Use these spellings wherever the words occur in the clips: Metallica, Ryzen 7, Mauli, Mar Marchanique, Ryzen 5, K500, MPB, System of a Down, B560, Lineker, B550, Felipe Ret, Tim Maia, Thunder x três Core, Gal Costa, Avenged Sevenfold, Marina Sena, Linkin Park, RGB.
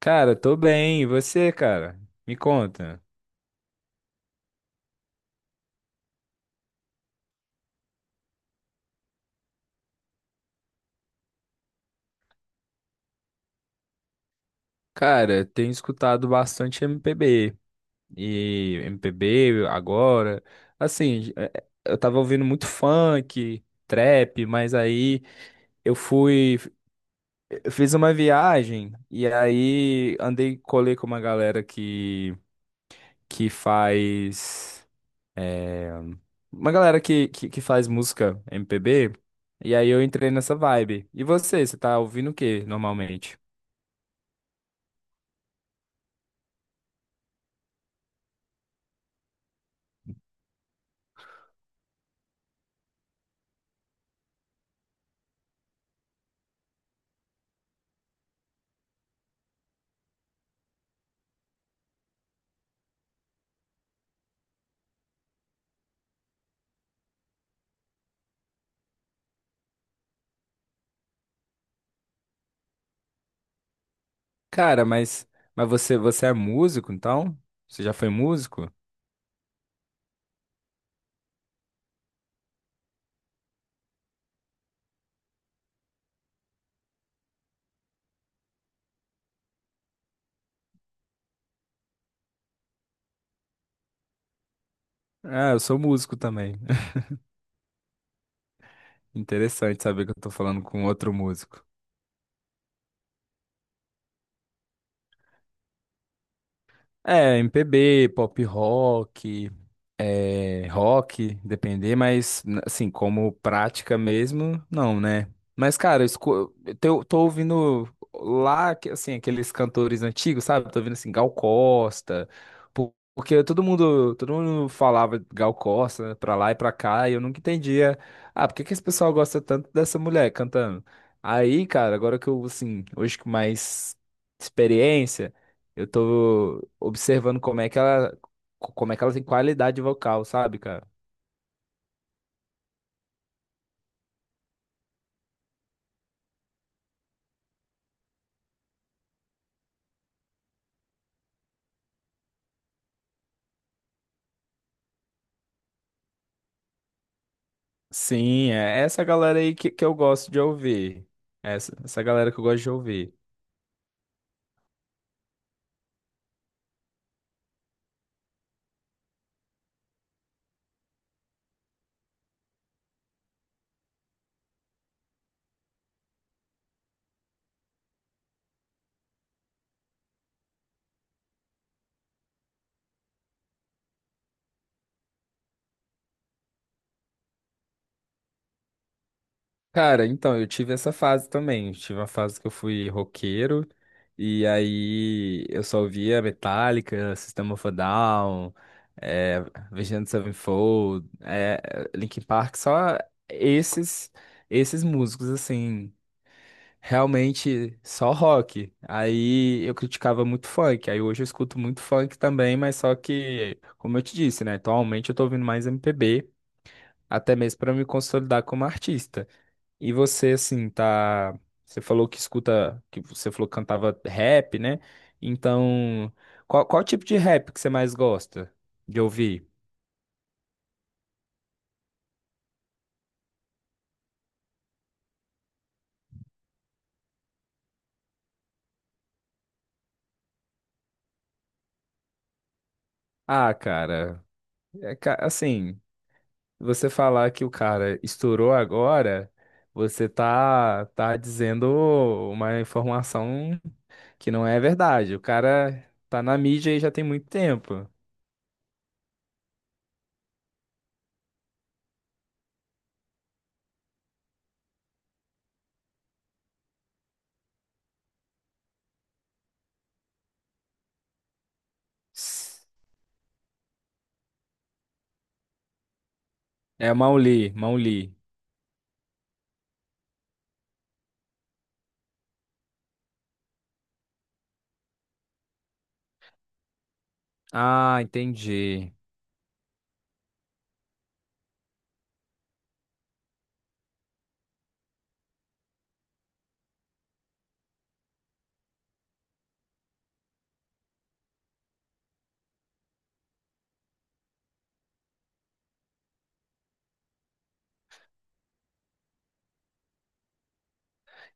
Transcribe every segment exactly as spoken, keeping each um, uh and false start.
Cara, tô bem. E você, cara? Me conta. Cara, tenho escutado bastante M P B. E M P B agora. Assim, eh, eh, eu tava ouvindo muito funk, trap, mas aí eu fui. Eu fiz uma viagem e aí andei, colei com uma galera que, que faz. Uma galera que, que, que faz música M P B. E aí eu entrei nessa vibe. E você, você tá ouvindo o que normalmente? Cara, mas, mas você, você é músico, então? Você já foi músico? Ah, eu sou músico também. Interessante saber que eu tô falando com outro músico. É, M P B, pop rock, é, rock, depender, mas n- assim, como prática mesmo, não, né? Mas, cara, eu, esco- eu tô tô ouvindo lá, que- assim, aqueles cantores antigos, sabe? Tô ouvindo, assim, Gal Costa, po- porque todo mundo, todo mundo falava Gal Costa, né, pra lá e pra cá, e eu nunca entendia, ah, por que que esse pessoal gosta tanto dessa mulher cantando? Aí, cara, agora que eu, assim, hoje que mais experiência, eu tô observando como é que ela, como é que ela tem qualidade vocal, sabe, cara? Sim, é essa galera aí que, que eu gosto de ouvir. Essa, essa galera que eu gosto de ouvir. Cara, então, eu tive essa fase também. Eu tive uma fase que eu fui roqueiro, e aí eu só ouvia Metallica, System of a Down, é, Avenged Sevenfold, é, Linkin Park, só esses, esses músicos, assim. Realmente só rock. Aí eu criticava muito funk. Aí hoje eu escuto muito funk também, mas só que, como eu te disse, né? Atualmente eu tô ouvindo mais M P B, até mesmo pra me consolidar como artista. E você, assim, tá. Você falou que escuta, que você falou que cantava rap, né? Então, qual, qual tipo de rap que você mais gosta de ouvir? Ah, cara, é, ca- assim. Você falar que o cara estourou agora, você tá, tá dizendo uma informação que não é verdade. O cara tá na mídia aí já tem muito tempo. S- É Mauli, Mauli. Ah, entendi.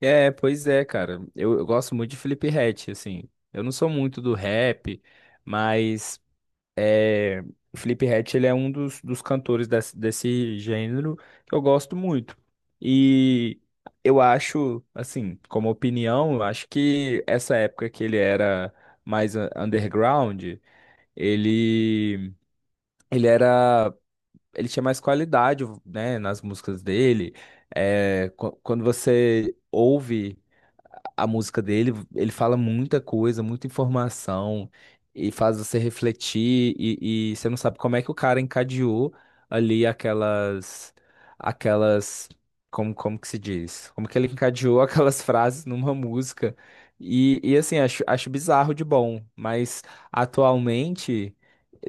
É, pois é, cara. Eu, eu gosto muito de Felipe Ret, assim. Eu não sou muito do rap, mas é, o Felipe Ret, ele é um dos, dos cantores desse, desse gênero que eu gosto muito. E eu acho, assim, como opinião, eu acho que essa época que ele era mais u- underground, ele, ele era, ele tinha mais qualidade, né, nas músicas dele. É, qu- quando você ouve a música dele, ele fala muita coisa, muita informação, e faz você refletir, e, e você não sabe como é que o cara encadeou ali aquelas, aquelas, como, como que se diz? Como que ele encadeou aquelas frases numa música. E, e assim, acho, acho bizarro de bom, mas atualmente,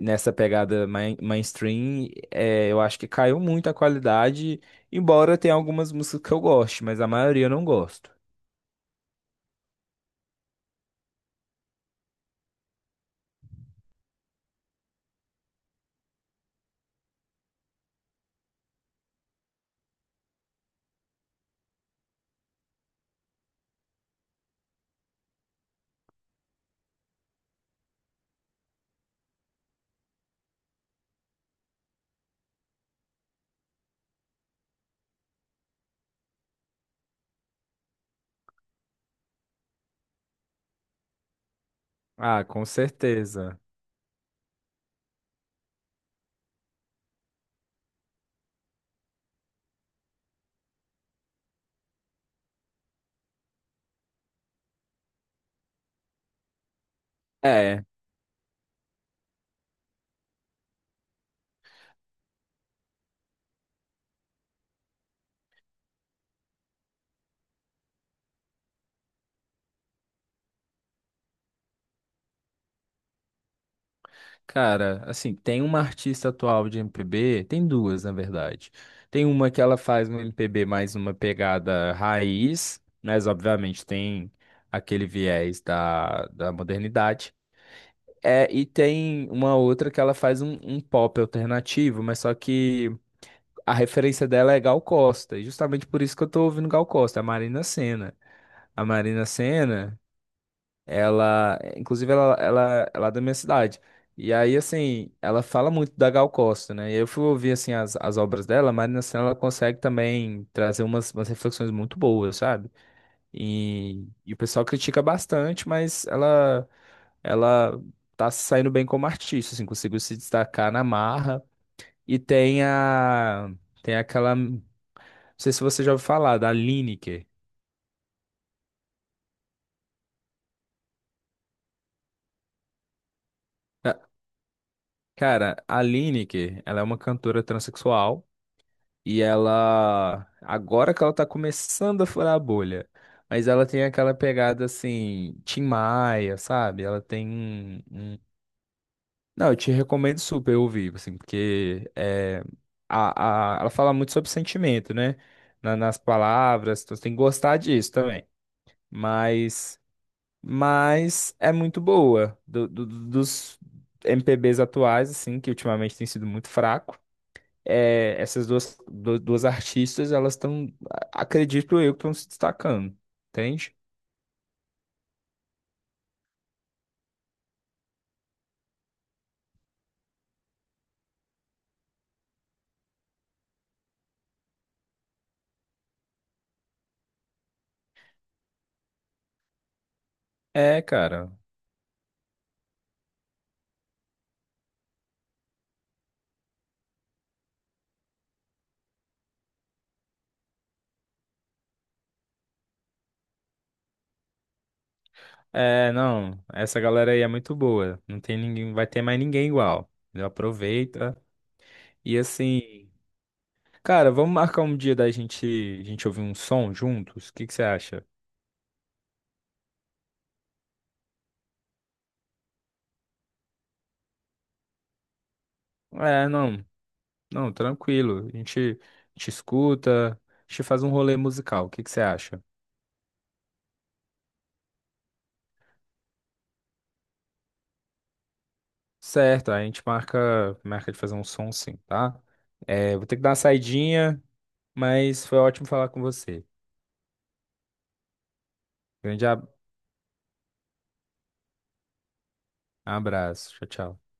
nessa pegada main- mainstream, é, eu acho que caiu muito a qualidade, embora tenha algumas músicas que eu goste, mas a maioria eu não gosto. Ah, com certeza. É, cara, assim, tem uma artista atual de M P B, tem duas, na verdade. Tem uma que ela faz um M P B mais uma pegada raiz, mas obviamente tem aquele viés da, da modernidade. É, e tem uma outra que ela faz um, um pop alternativo, mas só que a referência dela é Gal Costa, e justamente por isso que eu tô ouvindo Gal Costa, a Marina Sena. A Marina Sena. Ela, inclusive, ela, ela, ela é da minha cidade. E aí, assim, ela fala muito da Gal Costa, né? E eu fui ouvir, assim, as, as obras dela, mas Marina Senna, ela consegue também trazer umas, umas reflexões muito boas, sabe? E, e o pessoal critica bastante, mas ela, ela tá se saindo bem como artista, assim, conseguiu se destacar na marra. E tem a, tem aquela, não sei se você já ouviu falar, da Lineker. Ah, cara, a Lineker, ela é uma cantora transexual. E ela, agora que ela tá começando a furar a bolha, mas ela tem aquela pegada assim, Tim Maia, sabe? Ela tem um, um- não, eu te recomendo super ouvir, assim, porque é, a, a, ela fala muito sobre sentimento, né? Na- nas palavras, então você tem que gostar disso também. Mas, mas é muito boa. Do- do- do- dos M P Bs atuais, assim, que ultimamente tem sido muito fraco é, essas duas, du- duas artistas, elas estão, acredito eu, que estão se destacando, entende? É, cara. É, não, essa galera aí é muito boa. Não tem ninguém, vai ter mais ninguém igual. Entendeu? Aproveita. E assim, cara, vamos marcar um dia da gente, a gente ouvir um som juntos? O que que você acha? É, não, não, tranquilo. A gente, a gente escuta, a gente faz um rolê musical. O que que você acha? Certo, a gente marca, marca de fazer um som sim, tá? É, vou ter que dar uma saidinha, mas foi ótimo falar com você. Grande ab- Abraço. Tchau, tchau.